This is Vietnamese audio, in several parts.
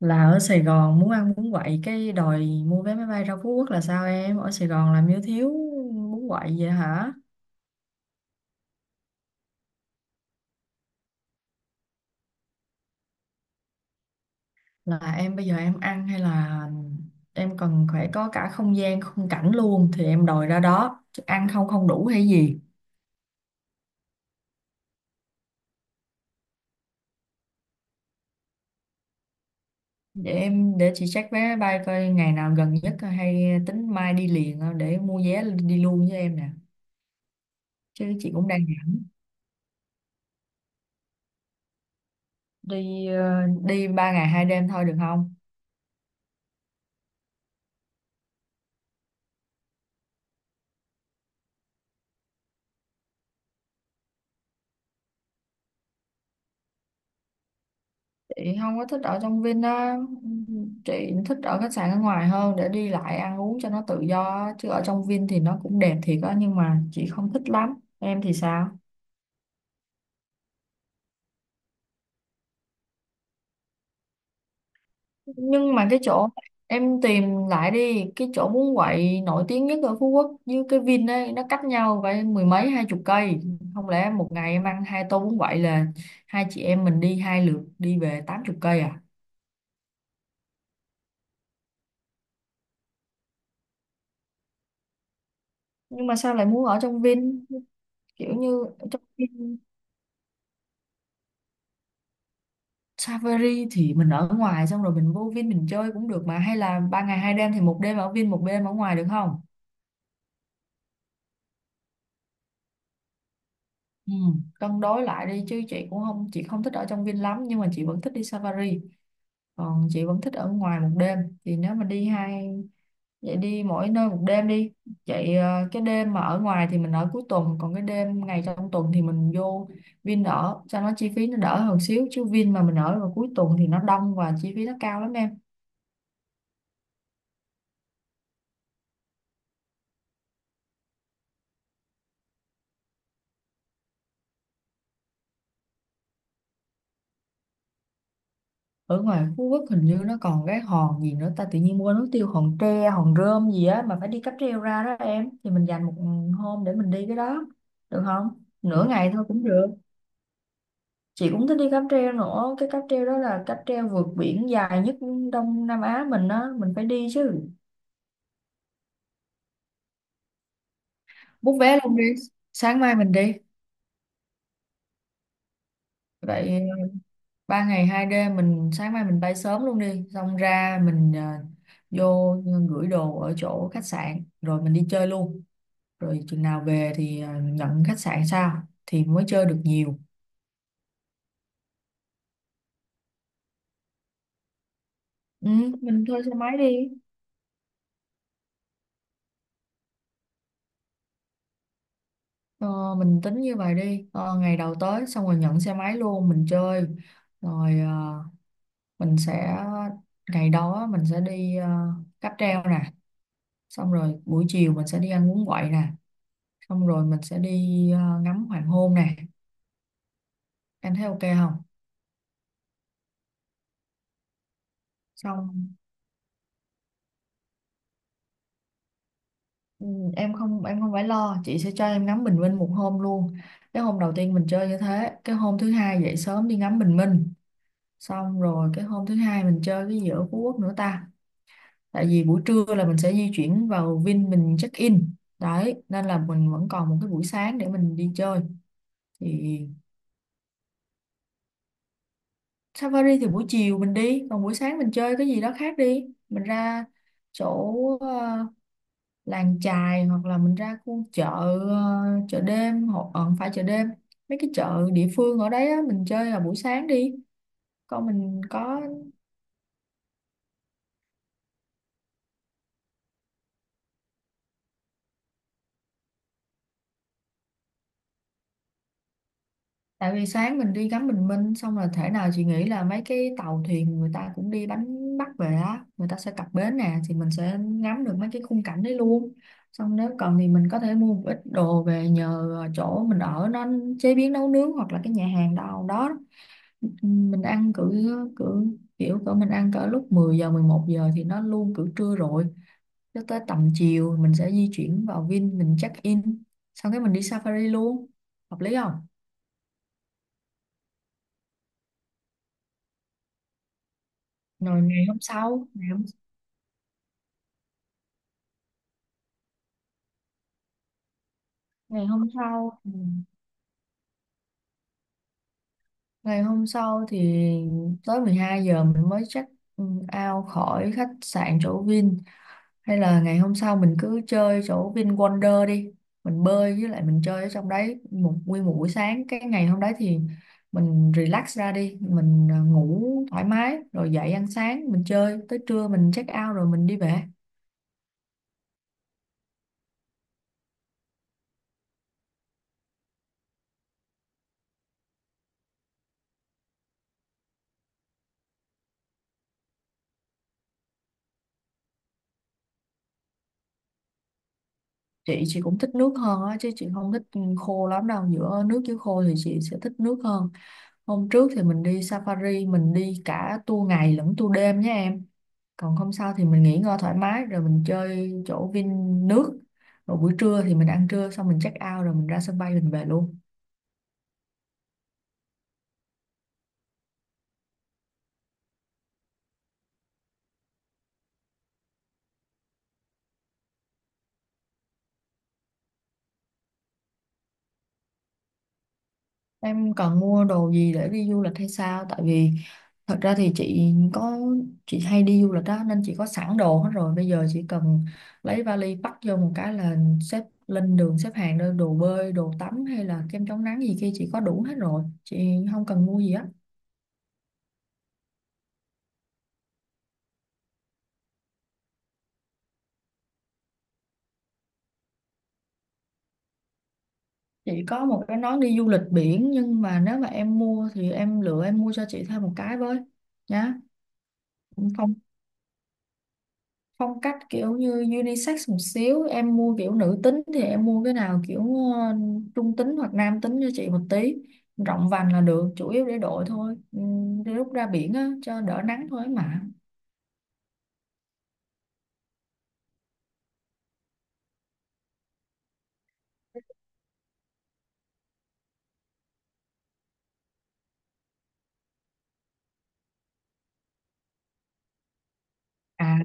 Là ở Sài Gòn muốn ăn bún quậy cái đòi mua vé máy bay ra Phú Quốc là sao? Em ở Sài Gòn làm như thiếu bún quậy vậy hả? Là em bây giờ em ăn hay là em cần phải có cả không gian khung cảnh luôn thì em đòi ra đó, chứ ăn không không đủ hay gì? Để em để chị check vé máy bay coi ngày nào gần nhất, hay tính mai đi liền, để mua vé đi luôn với em nè. Chứ chị cũng đang đi đi 3 ngày 2 đêm thôi được không? Chị không có thích ở trong Vin á, chị thích ở khách sạn ở ngoài hơn để đi lại ăn uống cho nó tự do á. Chứ ở trong Vin thì nó cũng đẹp thiệt á nhưng mà chị không thích lắm, em thì sao? Nhưng mà cái chỗ em tìm lại đi, cái chỗ bún quậy nổi tiếng nhất ở Phú Quốc với cái Vin ấy nó cách nhau phải mười mấy hai chục cây. Không lẽ một ngày em ăn hai tô bún quậy là hai chị em mình đi hai lượt đi về 80 cây à? Nhưng mà sao lại muốn ở trong Vin? Kiểu như trong Vin Safari thì mình ở ngoài xong rồi mình vô Vin mình chơi cũng được mà, hay là 3 ngày 2 đêm thì một đêm ở Vin một đêm ở ngoài được không? Ừ, cân đối lại đi, chứ chị không thích ở trong Vin lắm nhưng mà chị vẫn thích đi Safari, còn chị vẫn thích ở ngoài một đêm. Thì nếu mà đi hai Vậy đi mỗi nơi một đêm đi. Vậy cái đêm mà ở ngoài thì mình ở cuối tuần, còn cái đêm ngày trong tuần thì mình vô Vin ở cho nó chi phí nó đỡ hơn xíu. Chứ Vin mà mình ở vào cuối tuần thì nó đông và chi phí nó cao lắm em. Ở ngoài Phú Quốc hình như nó còn cái hòn gì nữa ta, tự nhiên quên mất tiêu, hòn tre hòn rơm gì á, mà phải đi cáp treo ra đó em. Thì mình dành một hôm để mình đi cái đó được không, nửa ngày thôi cũng được. Chị cũng thích đi cáp treo nữa, cái cáp treo đó là cáp treo vượt biển dài nhất Đông Nam Á mình á, mình phải đi chứ. Bút vé luôn đi, sáng mai mình đi. Vậy 3 ngày 2 đêm mình sáng mai mình bay sớm luôn đi, xong ra mình vô gửi đồ ở chỗ khách sạn rồi mình đi chơi luôn. Rồi chừng nào về thì nhận khách sạn sao thì mới chơi được nhiều. Ừ, mình thuê xe máy đi. Ờ, mình tính như vậy đi, ngày đầu tới xong rồi nhận xe máy luôn mình chơi, rồi à, mình sẽ ngày đó mình sẽ đi cáp treo nè, xong rồi buổi chiều mình sẽ đi ăn bún quậy nè, xong rồi mình sẽ đi ngắm hoàng hôn nè. Em thấy ok không? Xong ừ, em không phải lo, chị sẽ cho em ngắm bình minh một hôm luôn. Cái hôm đầu tiên mình chơi như thế, cái hôm thứ hai dậy sớm đi ngắm bình minh, xong rồi cái hôm thứ hai mình chơi cái gì ở Phú Quốc nữa ta? Tại vì buổi trưa là mình sẽ di chuyển vào Vin mình check in đấy, nên là mình vẫn còn một cái buổi sáng để mình đi chơi thì Safari thì buổi chiều mình đi, còn buổi sáng mình chơi cái gì đó khác đi. Mình ra chỗ ờ, làng chài hoặc là mình ra khu chợ, ờ, chợ đêm, hoặc không phải chợ đêm, mấy cái chợ địa phương ở đấy á, mình chơi vào buổi sáng đi. Còn mình có, tại vì sáng mình đi ngắm bình minh xong là thể nào chị nghĩ là mấy cái tàu thuyền người ta cũng đi đánh bắt về á, người ta sẽ cập bến nè, thì mình sẽ ngắm được mấy cái khung cảnh đấy luôn. Xong nếu cần thì mình có thể mua một ít đồ về nhờ chỗ mình ở nó chế biến nấu nướng, hoặc là cái nhà hàng đâu đó, mình ăn cỡ cỡ kiểu cỡ mình ăn cỡ lúc 10 giờ 11 giờ thì nó luôn cỡ trưa rồi, cho tới tầm chiều mình sẽ di chuyển vào Vin mình check in, sau cái mình đi safari luôn, hợp lý không? Rồi ngày hôm sau, ngày hôm sau thì tới 12 giờ mình mới check ừ, out khỏi khách sạn chỗ Vin. Hay là ngày hôm sau mình cứ chơi chỗ VinWonder đi. Mình bơi với lại mình chơi ở trong đấy một nguyên một buổi sáng. Cái ngày hôm đấy thì mình relax ra đi. Mình ngủ thoải mái rồi dậy ăn sáng mình chơi. Tới trưa mình check out rồi mình đi về. Chị cũng thích nước hơn á chứ chị không thích khô lắm đâu. Giữa nước với khô thì chị sẽ thích nước hơn. Hôm trước thì mình đi safari, mình đi cả tour ngày lẫn tour đêm nhé em. Còn không sao thì mình nghỉ ngơi thoải mái rồi mình chơi chỗ Vin nước, rồi buổi trưa thì mình ăn trưa xong mình check out rồi mình ra sân bay mình về luôn. Em cần mua đồ gì để đi du lịch hay sao? Tại vì thật ra thì chị có, chị hay đi du lịch đó nên chị có sẵn đồ hết rồi, bây giờ chỉ cần lấy vali bắt vô một cái là xếp lên đường, xếp hàng đơn đồ bơi đồ tắm hay là kem chống nắng gì kia chị có đủ hết rồi, chị không cần mua gì hết. Chị có một cái nón đi du lịch biển nhưng mà nếu mà em mua thì em lựa em mua cho chị thêm một cái với nhá. Phong phong cách kiểu như unisex một xíu, em mua kiểu nữ tính thì em mua cái nào kiểu trung tính hoặc nam tính cho chị một tí. Rộng vành là được, chủ yếu để đội thôi. Ừ, để lúc ra biển á cho đỡ nắng thôi mà. À,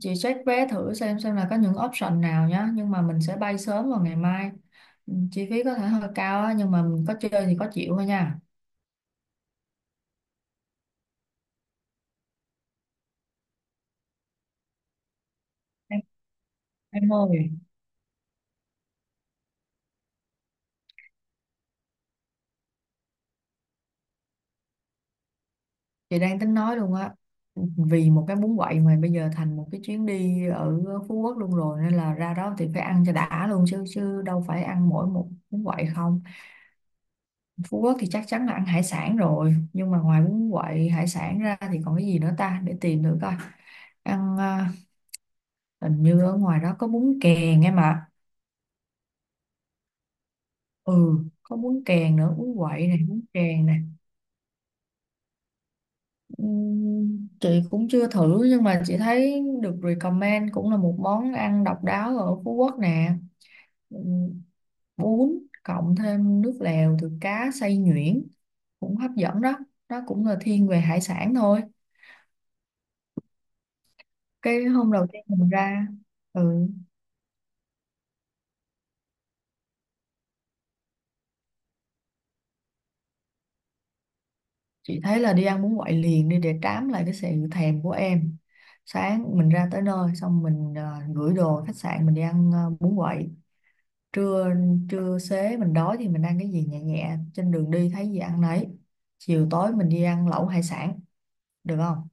chị check vé thử xem là có những option nào nhá, nhưng mà mình sẽ bay sớm vào ngày mai. Ừ, chi phí có thể hơi cao á nhưng mà mình có chơi thì có chịu thôi nha. Em em ơi, chị đang tính nói luôn á, vì một cái bún quậy mà bây giờ thành một cái chuyến đi ở Phú Quốc luôn rồi, nên là ra đó thì phải ăn cho đã luôn chứ, chứ đâu phải ăn mỗi một bún quậy không. Phú Quốc thì chắc chắn là ăn hải sản rồi, nhưng mà ngoài bún quậy hải sản ra thì còn cái gì nữa ta, để tìm được coi ăn. Hình như ở ngoài đó có bún kèn em ạ. Ừ, có bún kèn nữa, bún quậy này, bún kèn này. Chị cũng chưa thử nhưng mà chị thấy được recommend cũng là một món ăn độc đáo ở Phú Quốc nè, bún cộng thêm nước lèo từ cá xay nhuyễn cũng hấp dẫn đó, nó cũng là thiên về hải sản thôi. Cái hôm đầu tiên mình ra, ừ, chị thấy là đi ăn bún quậy liền đi để trám lại cái sự thèm của em. Sáng mình ra tới nơi xong mình gửi đồ khách sạn mình đi ăn bún quậy. Trưa trưa xế mình đói thì mình ăn cái gì nhẹ nhẹ trên đường đi, thấy gì ăn nấy. Chiều tối mình đi ăn lẩu hải sản được không?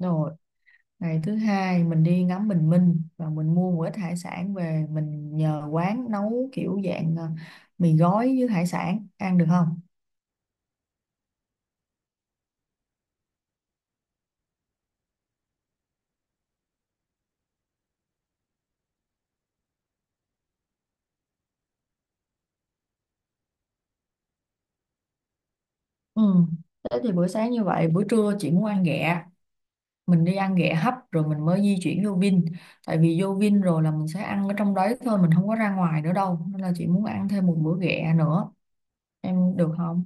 Rồi ngày thứ hai mình đi ngắm bình minh và mình mua một ít hải sản về mình nhờ quán nấu kiểu dạng mì gói với hải sản ăn được không? Ừ. Thế thì bữa sáng như vậy, bữa trưa chị muốn ăn ghẹ. Mình đi ăn ghẹ hấp rồi mình mới di chuyển vô Vin. Tại vì vô Vin rồi là mình sẽ ăn ở trong đấy thôi, mình không có ra ngoài nữa đâu. Nên là chị muốn ăn thêm một bữa ghẹ nữa. Em được không?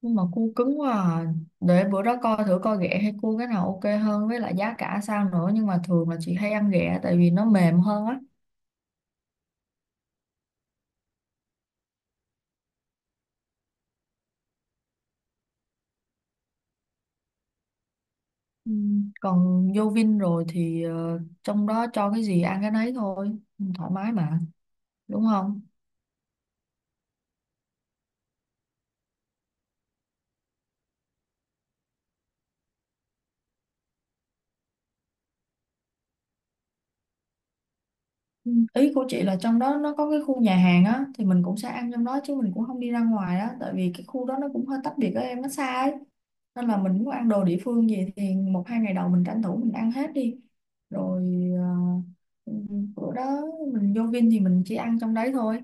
Nhưng mà cua cứng quá à. Để bữa đó coi thử coi ghẹ hay cua cái nào ok hơn, với lại giá cả sao nữa, nhưng mà thường là chị hay ăn ghẹ tại vì nó mềm hơn á. Ừ. Còn vô Vin rồi thì trong đó cho cái gì ăn cái nấy thôi, thoải mái mà, đúng không? Ừ, ý của chị là trong đó nó có cái khu nhà hàng á thì mình cũng sẽ ăn trong đó chứ mình cũng không đi ra ngoài á, tại vì cái khu đó nó cũng hơi tách biệt với em nó xa ấy, nên là mình muốn ăn đồ địa phương gì thì một hai ngày đầu mình tranh thủ mình ăn hết đi rồi. ờ, ừ, Bữa đó mình vô Vin thì mình chỉ ăn trong đấy thôi.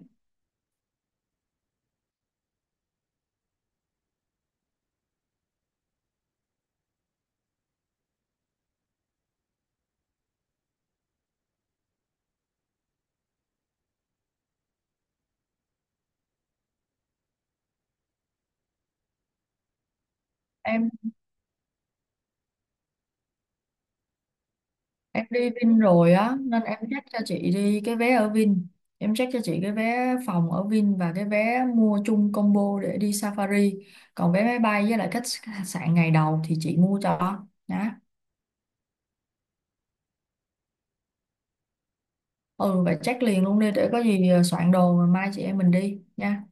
Em đi Vin rồi á nên em check cho chị đi cái vé ở Vin, em check cho chị cái vé phòng ở Vin và cái vé mua chung combo để đi Safari, còn vé máy bay với lại khách sạn ngày đầu thì chị mua cho đó. Ừ, vậy check liền luôn đi để có gì soạn đồ rồi mai chị em mình đi nha.